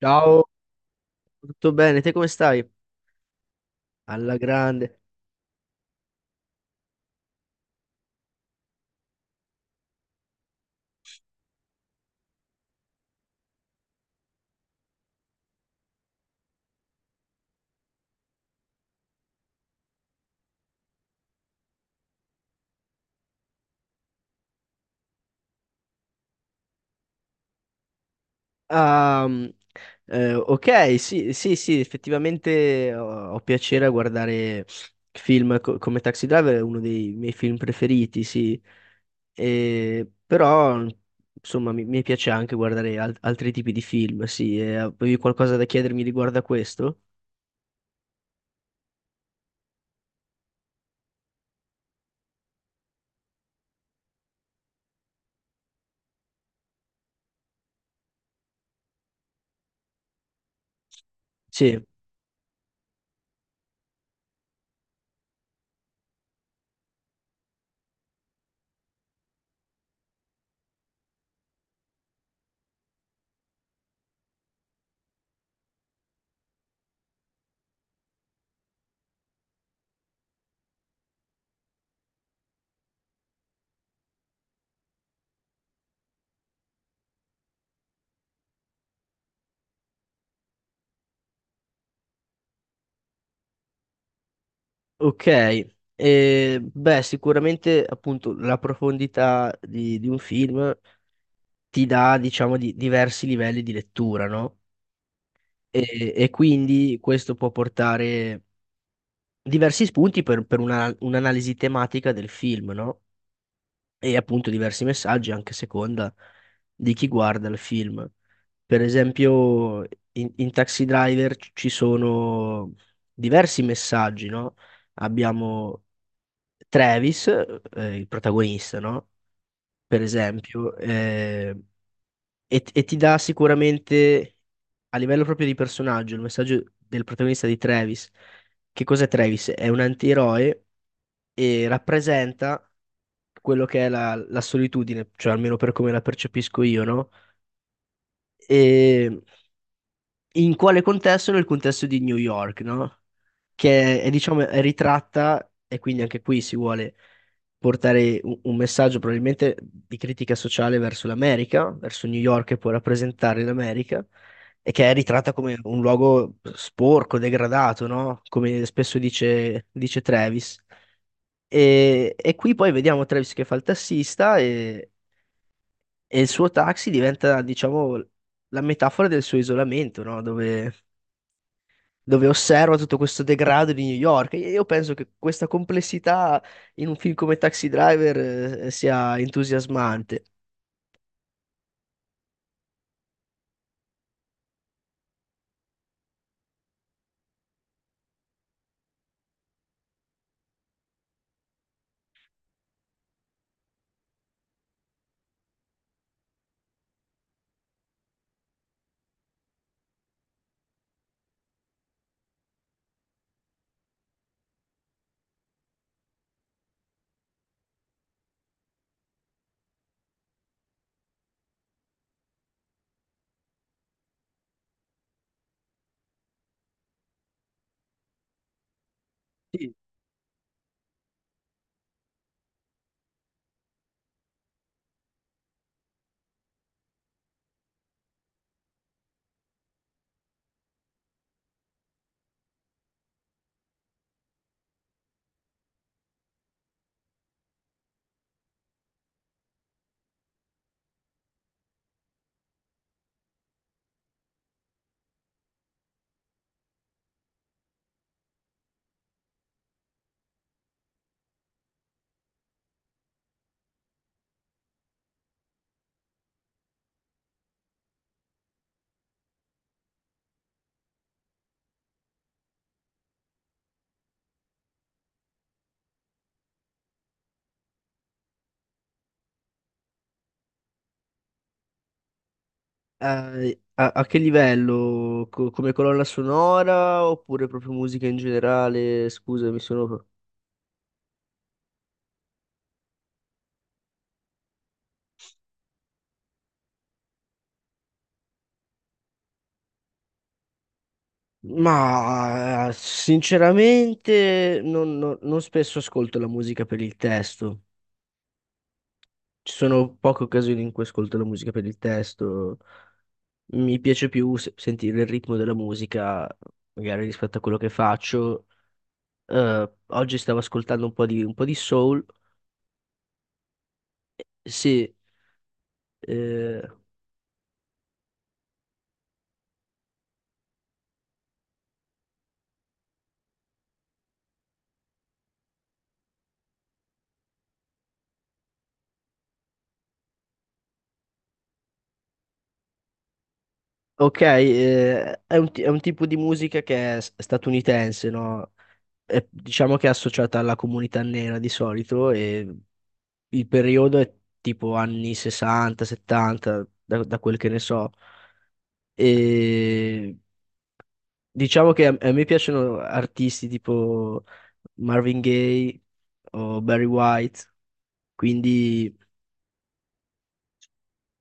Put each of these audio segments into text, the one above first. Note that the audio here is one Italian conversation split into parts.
Ciao, tutto bene? Te come stai? Alla grande. Ah, mm, ok, sì, sì, sì, effettivamente ho piacere a guardare come Taxi Driver, è uno dei miei film preferiti, sì. E però, insomma, mi piace anche guardare altri tipi di film, sì. E avevi qualcosa da chiedermi riguardo a questo? Sì, ok. Beh, sicuramente appunto la profondità di un film ti dà, diciamo, di diversi livelli di lettura, no? E quindi questo può portare diversi spunti per un'analisi tematica del film, no? E appunto diversi messaggi anche a seconda di chi guarda il film. Per esempio, in Taxi Driver ci sono diversi messaggi, no? Abbiamo Travis, il protagonista, no? Per esempio, e ti dà sicuramente a livello proprio di personaggio il messaggio del protagonista di Travis. Che cos'è Travis? È un antieroe e rappresenta quello che è la solitudine, cioè almeno per come la percepisco io, no? E in quale contesto? Nel contesto di New York, no? Che è, diciamo, è ritratta e quindi anche qui si vuole portare un messaggio probabilmente di critica sociale verso l'America, verso New York che può rappresentare l'America e che è ritratta come un luogo sporco, degradato, no? Come spesso dice Travis. E qui poi vediamo Travis che fa il tassista e il suo taxi diventa, diciamo, la metafora del suo isolamento, no? Dove osserva tutto questo degrado di New York. E io penso che questa complessità in un film come Taxi Driver sia entusiasmante. Sì. A che livello? Come colonna sonora oppure proprio musica in generale? Scusa, mi sono... Ma sinceramente non spesso ascolto la musica per il testo. Ci sono poche occasioni in cui ascolto la musica per il testo. Mi piace più sentire il ritmo della musica, magari rispetto a quello che faccio. Oggi stavo ascoltando un po' di soul. Sì, eh, ok, è è un tipo di musica che è statunitense, no? È, diciamo che è associata alla comunità nera di solito e il periodo è tipo anni 60, 70, da quel che ne so. E diciamo che a me piacciono artisti tipo Marvin Gaye o Barry White, quindi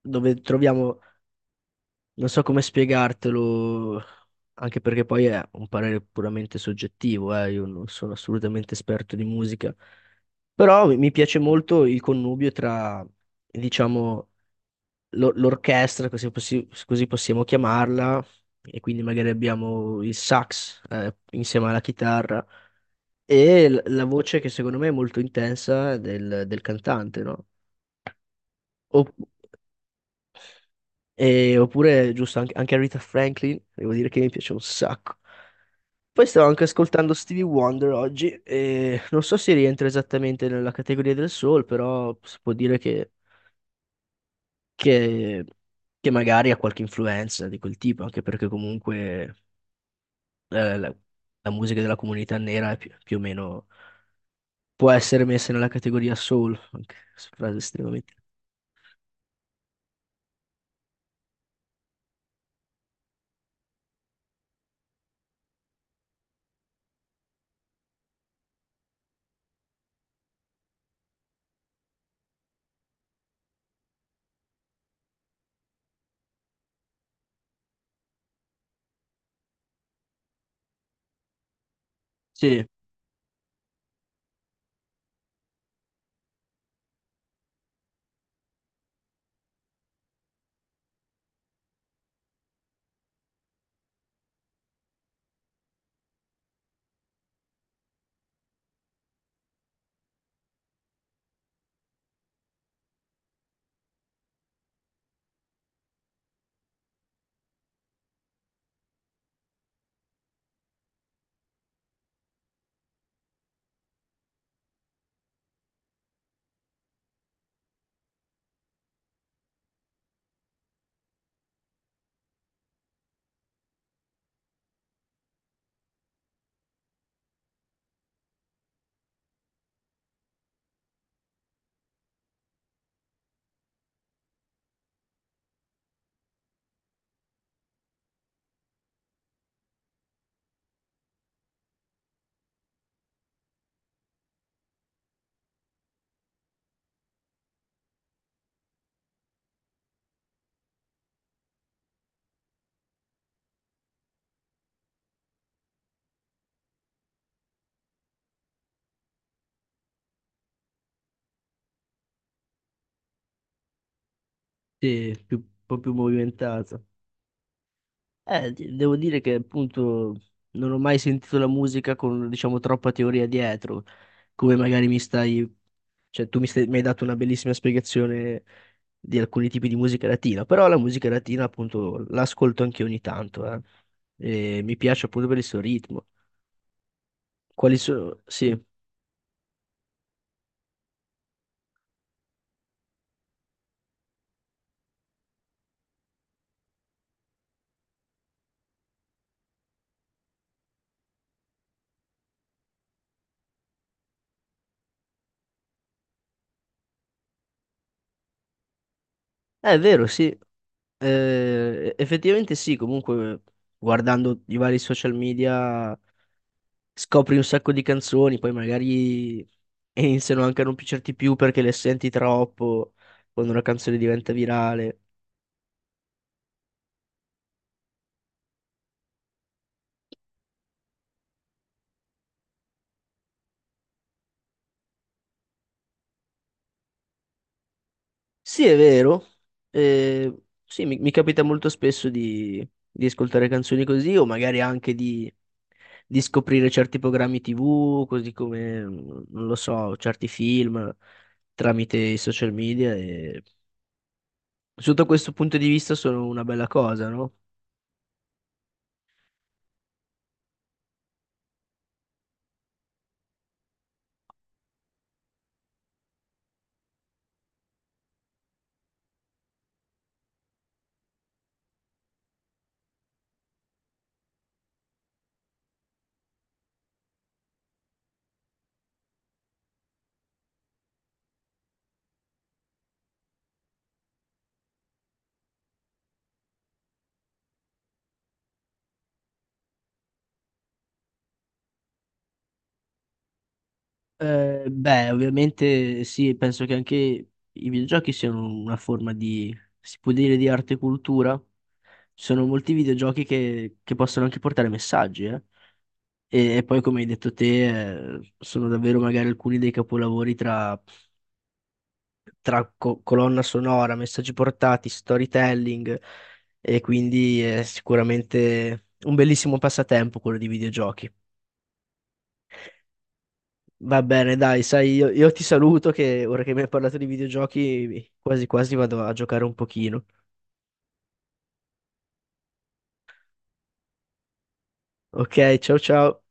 dove troviamo, non so come spiegartelo, anche perché poi è un parere puramente soggettivo, io non sono assolutamente esperto di musica, però mi piace molto il connubio tra, diciamo, l'orchestra, così, così possiamo chiamarla, e quindi magari abbiamo il sax, insieme alla chitarra. E la voce che secondo me è molto intensa del cantante, no? Opp- Oppure, giusto, anche Aretha Franklin, devo dire che mi piace un sacco. Poi stavo anche ascoltando Stevie Wonder oggi e non so se rientra esattamente nella categoria del soul, però si può dire che- che magari ha qualche influenza di quel tipo, anche perché comunque eh, la, la musica della comunità nera è più, più o meno può essere messa nella categoria soul, anche se frase estremamente... Sì. Sì, più, un po' più movimentata. Devo dire che appunto non ho mai sentito la musica con, diciamo, troppa teoria dietro, come magari cioè mi hai dato una bellissima spiegazione di alcuni tipi di musica latina, però la musica latina appunto l'ascolto anche ogni tanto, eh. E mi piace appunto per il suo ritmo. Quali sono? Sì, eh, è vero, sì. Effettivamente sì, comunque guardando i vari social media, scopri un sacco di canzoni, poi magari iniziano anche a non piacerti più perché le senti troppo quando una canzone diventa virale. Sì, è vero. Eh, sì, mi capita molto spesso di ascoltare canzoni così o magari anche di scoprire certi programmi TV, così come, mm, non lo so, certi film tramite i social media e sotto questo punto di vista sono una bella cosa, no? Beh, ovviamente sì, penso che anche i videogiochi siano una forma di, si può dire, di arte e cultura. Ci sono molti videogiochi che possono anche portare messaggi, eh. E poi, come hai detto te, sono davvero magari alcuni dei capolavori tra, colonna sonora, messaggi portati, storytelling, e quindi è sicuramente un bellissimo passatempo quello di videogiochi. Va bene, dai, sai, io ti saluto che ora che mi hai parlato di videogiochi, quasi quasi vado a giocare un pochino. Ok, ciao ciao.